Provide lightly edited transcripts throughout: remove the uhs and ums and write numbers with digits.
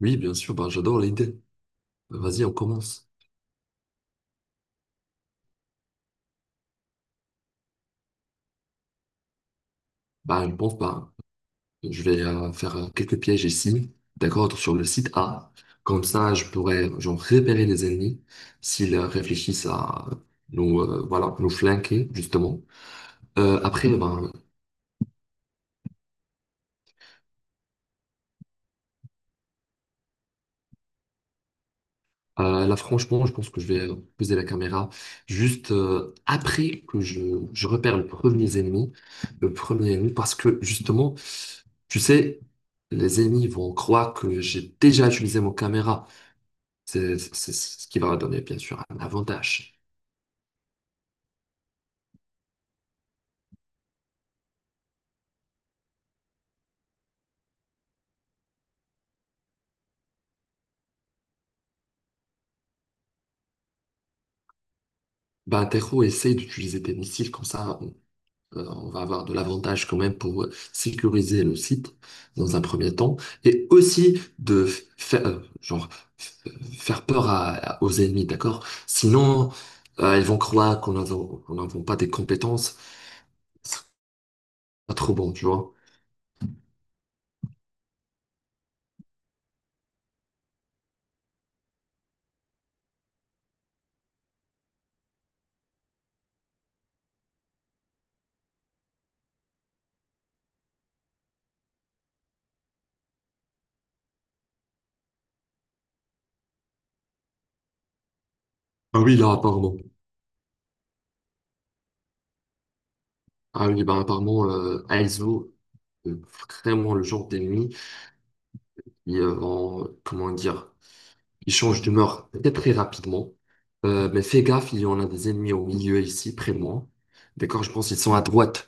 Oui, bien sûr, bah, j'adore l'idée. Vas-y, on commence. Bah, je pense, bah, je vais faire quelques pièges ici, d'accord, sur le site A. Comme ça, je pourrais, genre, repérer les ennemis s'ils réfléchissent à nous, voilà, nous flanquer, justement. Après, là, franchement, je pense que je vais poser la caméra juste après que je repère le premier ennemi, parce que justement, tu sais, les ennemis vont croire que j'ai déjà utilisé mon caméra. C'est ce qui va donner, bien sûr, un avantage. Ben, Tero, essaye d'utiliser tes missiles comme ça. On va avoir de l'avantage quand même pour sécuriser le site dans un premier temps et aussi de faire, genre, f- faire peur aux ennemis, d'accord? Sinon, ils vont croire qu'on n'avons pas des compétences. C'est pas trop bon, tu vois. Ah oui, là, apparemment. Ah oui, bah, apparemment, Aizu, euh, vraiment le genre d'ennemi, ils vont, comment dire, il change d'humeur très très rapidement. Mais fais gaffe, il y en a des ennemis au milieu ici, près de moi. D'accord, je pense qu'ils sont à droite.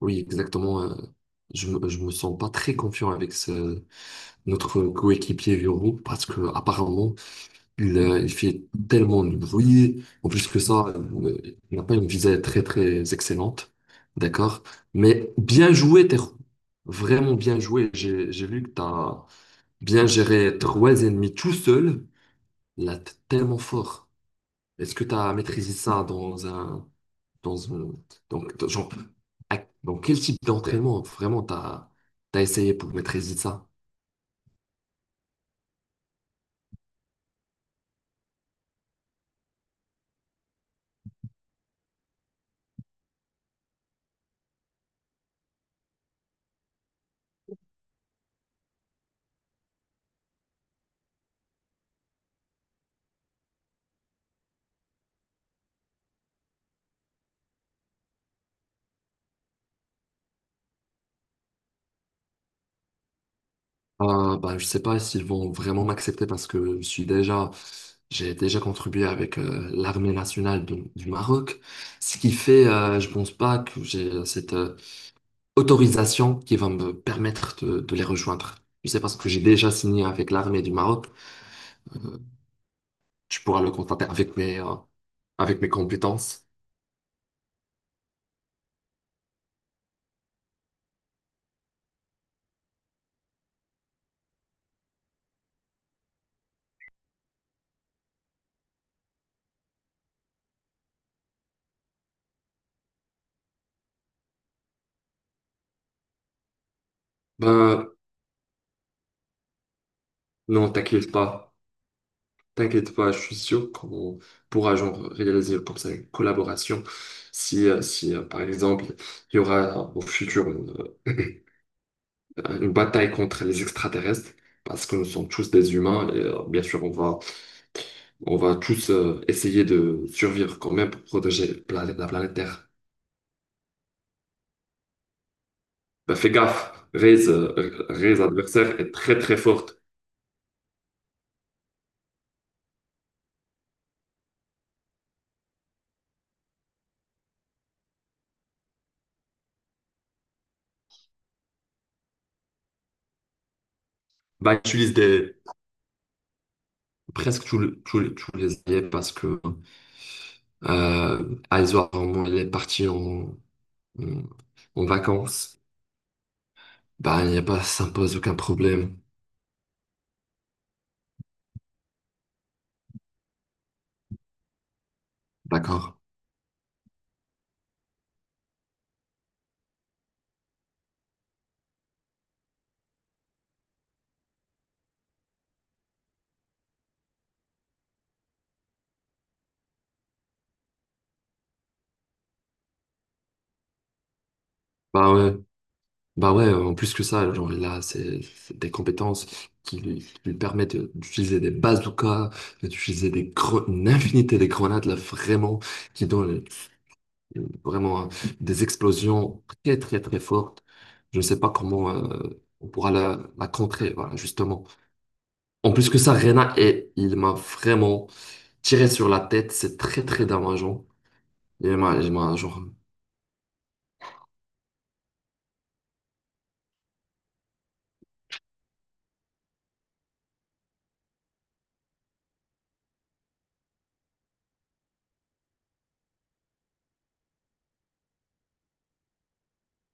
Oui, exactement. Je me sens pas très confiant avec ce, notre coéquipier Viro, parce que apparemment il fait tellement de bruit. En plus que ça, il n'a pas une visée très très excellente. D'accord, mais bien joué, Terro. Vraiment bien joué. J'ai vu que tu as bien géré 3 ennemis tout seul. Là, t'es tellement fort. Est-ce que tu as maîtrisé ça dans un, donc, dans- genre, à- dans quel type d'entraînement vraiment t'as essayé pour maîtriser ça? Bah, je sais pas s'ils vont vraiment m'accepter parce que je suis déjà, j'ai déjà contribué avec l'armée nationale du Maroc, ce qui fait, je pense pas que j'ai cette autorisation qui va me permettre de les rejoindre. Je sais parce que j'ai déjà signé avec l'armée du Maroc, tu pourras le constater avec avec mes compétences. Ben, non, t'inquiète pas. T'inquiète pas, je suis sûr qu'on pourra genre réaliser comme ça une collaboration. Si, par exemple, il y aura au futur une, euh, une bataille contre les extraterrestres, parce que nous sommes tous des humains, et bien sûr, on va tous essayer de survivre quand même pour protéger la planète Terre. Ben, fais gaffe, Ray's adversaire est très très forte. Ben, utilise des, presque tous tous les alliés parce que euh, Aitor, au moment où il est parti en, en vacances, bah, il n'y a pas, ça ne pose aucun problème. D'accord. Bah ouais, bah ouais, en plus que ça, genre, il a des compétences qui lui permettent d'utiliser des bazookas, d'utiliser une infinité de grenades, là, vraiment, qui donnent vraiment des explosions très, très, très fortes. Je ne sais pas comment on pourra la contrer, voilà, justement. En plus que ça, Rena, et il m'a vraiment tiré sur la tête. C'est très, très dommageant. il m'a, il m'a, genre,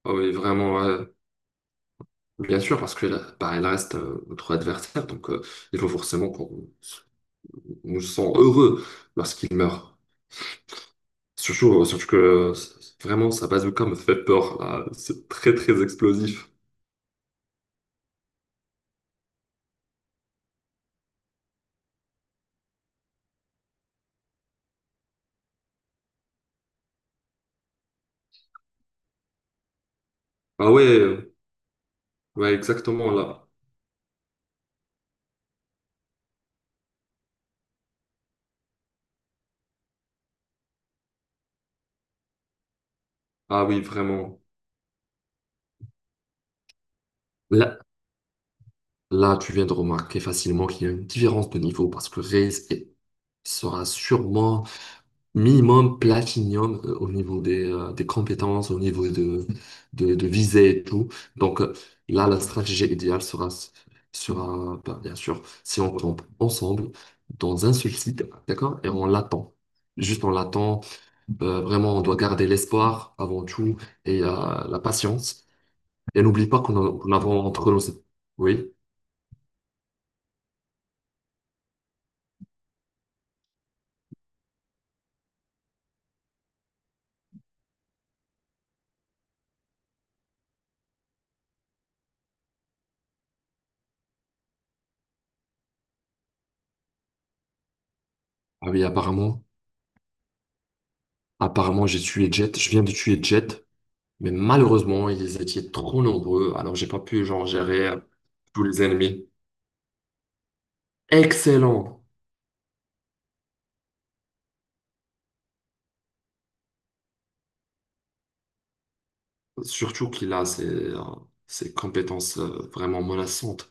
ah oui, vraiment, bien sûr, parce que là, bah, il reste notre adversaire. Donc, il faut forcément qu'on nous sent heureux lorsqu'il meurt. Surtout que vraiment, sa bazooka me fait peur, là. C'est très, très explosif. Ah ouais, euh, ouais, exactement là. Ah oui, vraiment. Là, là, tu viens de remarquer facilement qu'il y a une différence de niveau parce que Reis sera sûrement minimum platinum au niveau des compétences, au niveau de visée et tout. Donc là, la stratégie idéale sera, sera, bah, bien sûr, si on tombe ensemble dans un seul site, d'accord? Et on l'attend. Juste on l'attend. Vraiment, on doit garder l'espoir avant tout et la patience. Et n'oublie pas qu'on a entre nous. Oui, ah oui, apparemment. Apparemment, j'ai tué Jet. Je viens de tuer Jet. Mais malheureusement, ils étaient trop nombreux, alors j'ai pas pu genre gérer tous les ennemis. Excellent! Surtout qu'il a ses compétences vraiment menaçantes.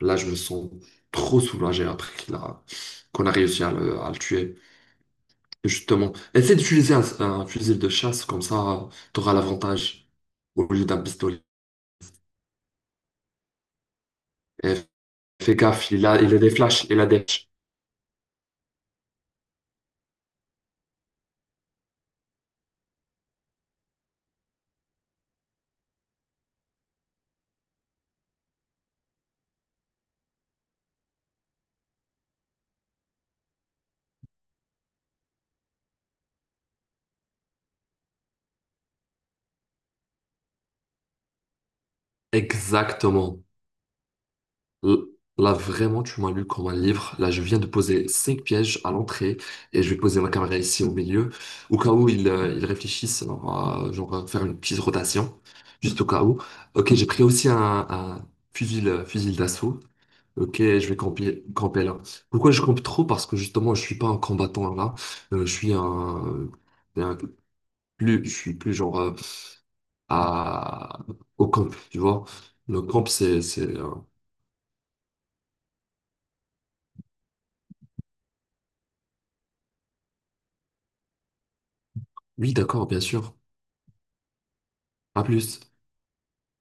Là, je me sens trop soulagé après qu'on a réussi à le tuer. Et justement, essaie d'utiliser un fusil de chasse, comme ça, tu auras l'avantage au lieu d'un pistolet. Et fais gaffe, il a des flashs, il a des... Exactement. L- Là, vraiment, tu m'as lu comme un livre. Là, je viens de poser 5 pièges à l'entrée et je vais poser ma caméra ici au milieu, au cas où ils réfléchissent, alors, genre, faire une petite rotation, juste au cas où. Ok, j'ai pris aussi un fusil, fusil d'assaut. Ok, je vais camper, camper là. Pourquoi je campe trop? Parce que justement, je suis pas un combattant là. Euh, je suis un, un- je suis plus genre à, au camp, tu vois. Le camp, c'est oui, d'accord, bien sûr. À plus.